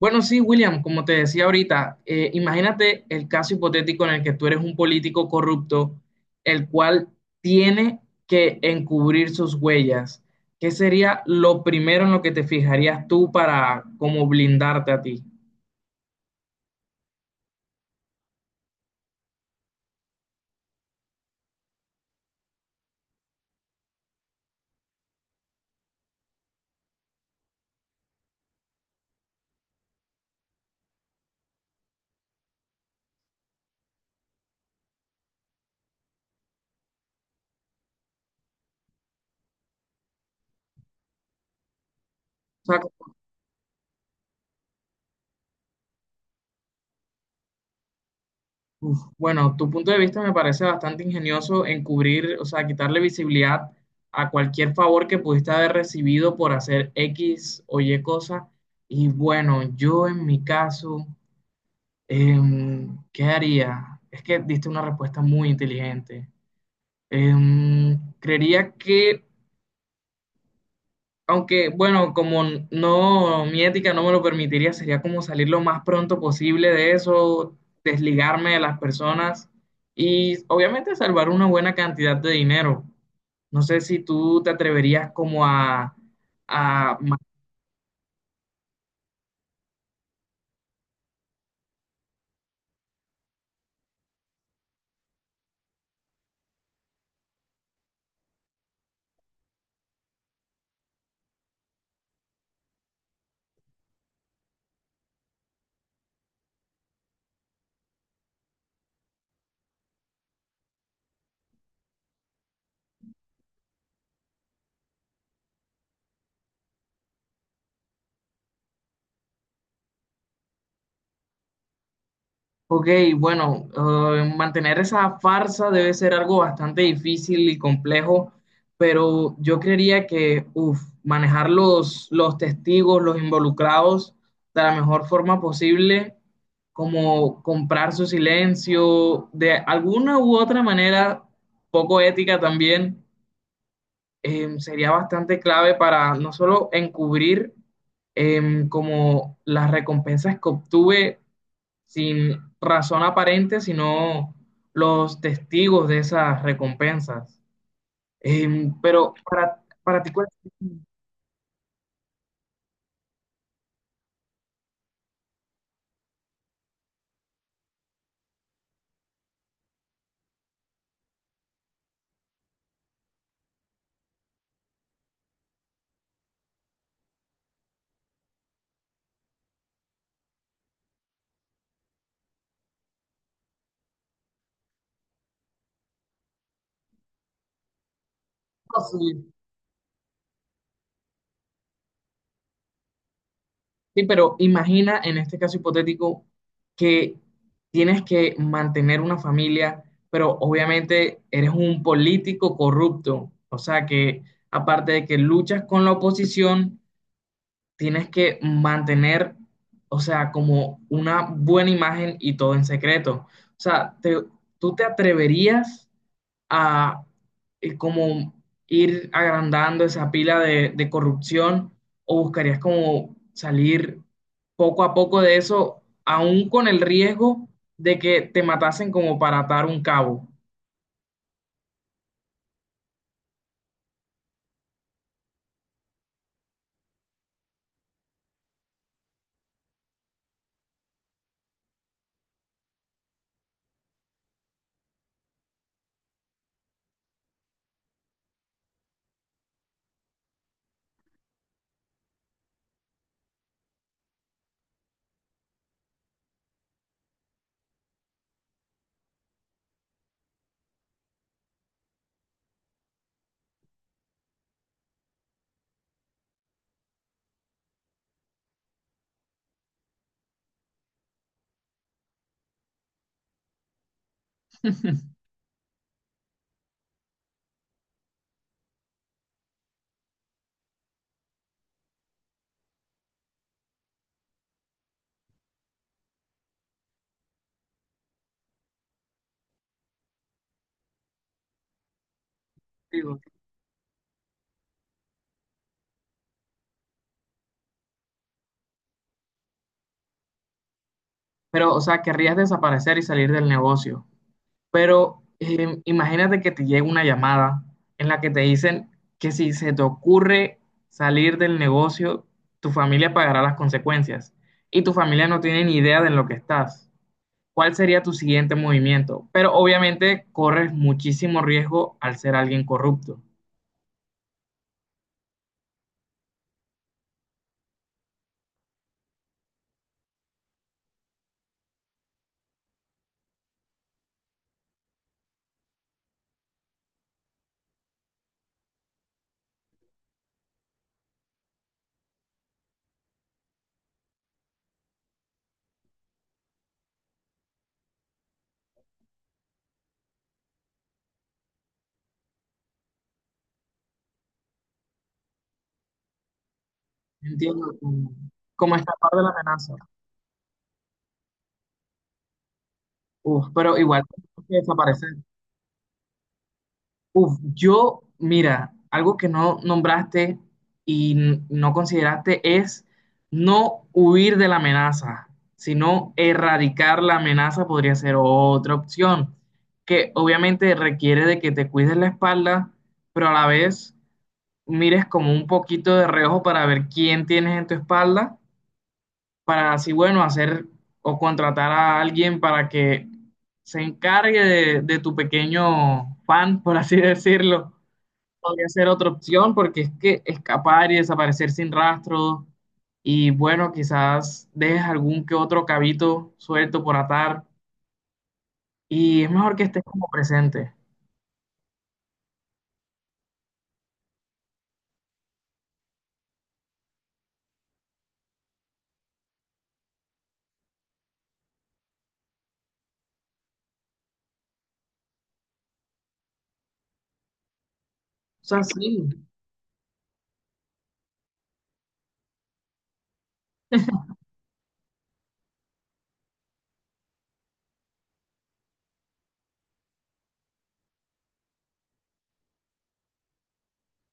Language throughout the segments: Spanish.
Bueno, sí, William, como te decía ahorita, imagínate el caso hipotético en el que tú eres un político corrupto, el cual tiene que encubrir sus huellas. ¿Qué sería lo primero en lo que te fijarías tú para como blindarte a ti? O sea, uf, bueno, tu punto de vista me parece bastante ingenioso encubrir, o sea, quitarle visibilidad a cualquier favor que pudiste haber recibido por hacer X o Y cosa. Y bueno, yo en mi caso... ¿Qué haría? Es que diste una respuesta muy inteligente. Creería que, aunque, bueno, como no, mi ética no me lo permitiría, sería como salir lo más pronto posible de eso, desligarme de las personas y obviamente salvar una buena cantidad de dinero. No sé si tú te atreverías como a. Ok, bueno, mantener esa farsa debe ser algo bastante difícil y complejo, pero yo creería que, uf, manejar los, testigos, los involucrados de la mejor forma posible, como comprar su silencio, de alguna u otra manera, poco ética también, sería bastante clave para no solo encubrir como las recompensas que obtuve sin razón aparente, sino los testigos de esas recompensas. Eh, pero para ti, ¿cuál es el costo? Sí, sí, pero imagina en este caso hipotético que tienes que mantener una familia, pero obviamente eres un político corrupto, o sea que aparte de que luchas con la oposición, tienes que mantener, o sea, como una buena imagen y todo en secreto. O sea, tú te atreverías a como ir agrandando esa pila de corrupción o buscarías como salir poco a poco de eso, aún con el riesgo de que te matasen como para atar un cabo. Digo, pero, o sea, querrías desaparecer y salir del negocio. Pero imagínate que te llega una llamada en la que te dicen que si se te ocurre salir del negocio, tu familia pagará las consecuencias y tu familia no tiene ni idea de en lo que estás. ¿Cuál sería tu siguiente movimiento? Pero obviamente corres muchísimo riesgo al ser alguien corrupto. Entiendo como, como esta parte de la amenaza. Uf, pero igual tienes que desaparecer. Uf, yo, mira, algo que no nombraste y no consideraste es no huir de la amenaza, sino erradicar la amenaza podría ser otra opción, que obviamente requiere de que te cuides la espalda, pero a la vez mires como un poquito de reojo para ver quién tienes en tu espalda, para así, bueno, hacer o contratar a alguien para que se encargue de tu pequeño fan, por así decirlo podría ser otra opción porque es que escapar y desaparecer sin rastro y bueno, quizás dejes algún que otro cabito suelto por atar y es mejor que estés como presente. O sea, sí.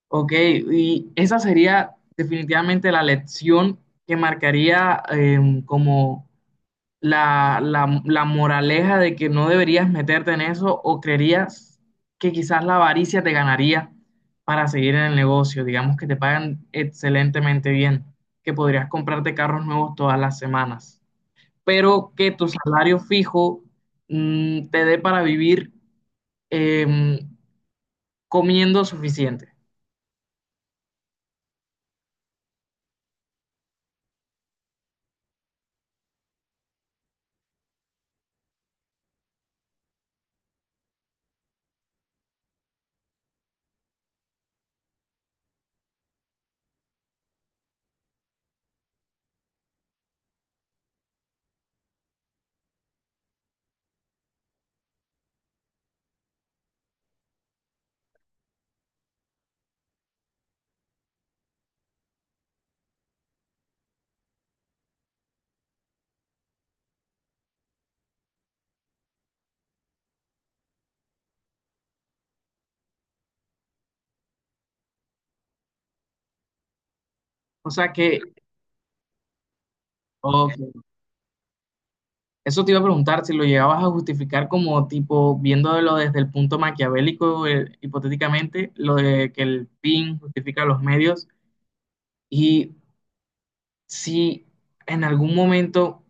Ok, ¿y esa sería definitivamente la lección que marcaría como la, la moraleja de que no deberías meterte en eso o creerías que quizás la avaricia te ganaría para seguir en el negocio? Digamos que te pagan excelentemente bien, que podrías comprarte carros nuevos todas las semanas, pero que tu salario fijo te dé para vivir em, comiendo suficiente. O sea que, ok, eso te iba a preguntar si lo llegabas a justificar como tipo viéndolo desde el punto maquiavélico, hipotéticamente, lo de que el fin justifica los medios y si en algún momento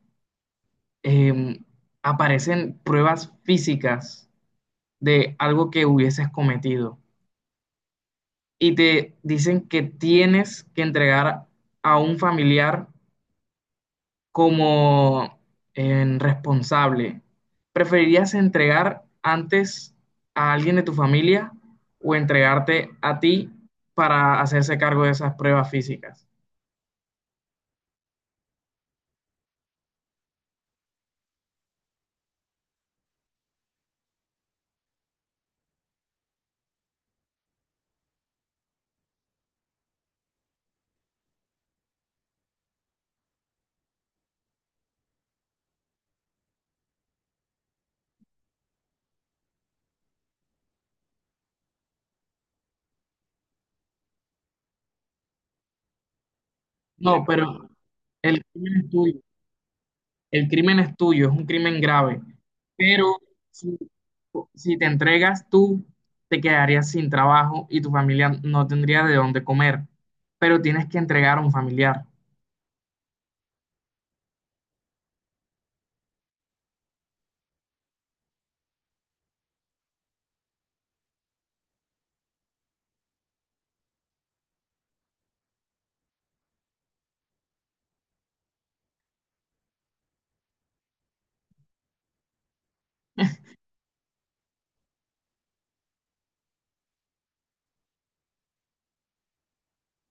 eh, aparecen pruebas físicas de algo que hubieses cometido y te dicen que tienes que entregar a un familiar como en responsable, ¿preferirías entregar antes a alguien de tu familia o entregarte a ti para hacerse cargo de esas pruebas físicas? No, pero el crimen es tuyo, el crimen es tuyo, es un crimen grave, pero si, si te entregas tú, te quedarías sin trabajo y tu familia no tendría de dónde comer, pero tienes que entregar a un familiar.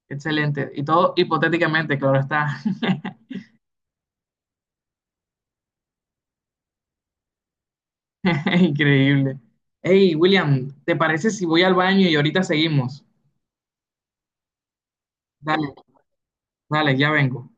Excelente. Y todo hipotéticamente, claro está. Increíble. Hey, William, ¿te parece si voy al baño y ahorita seguimos? Dale, dale, ya vengo.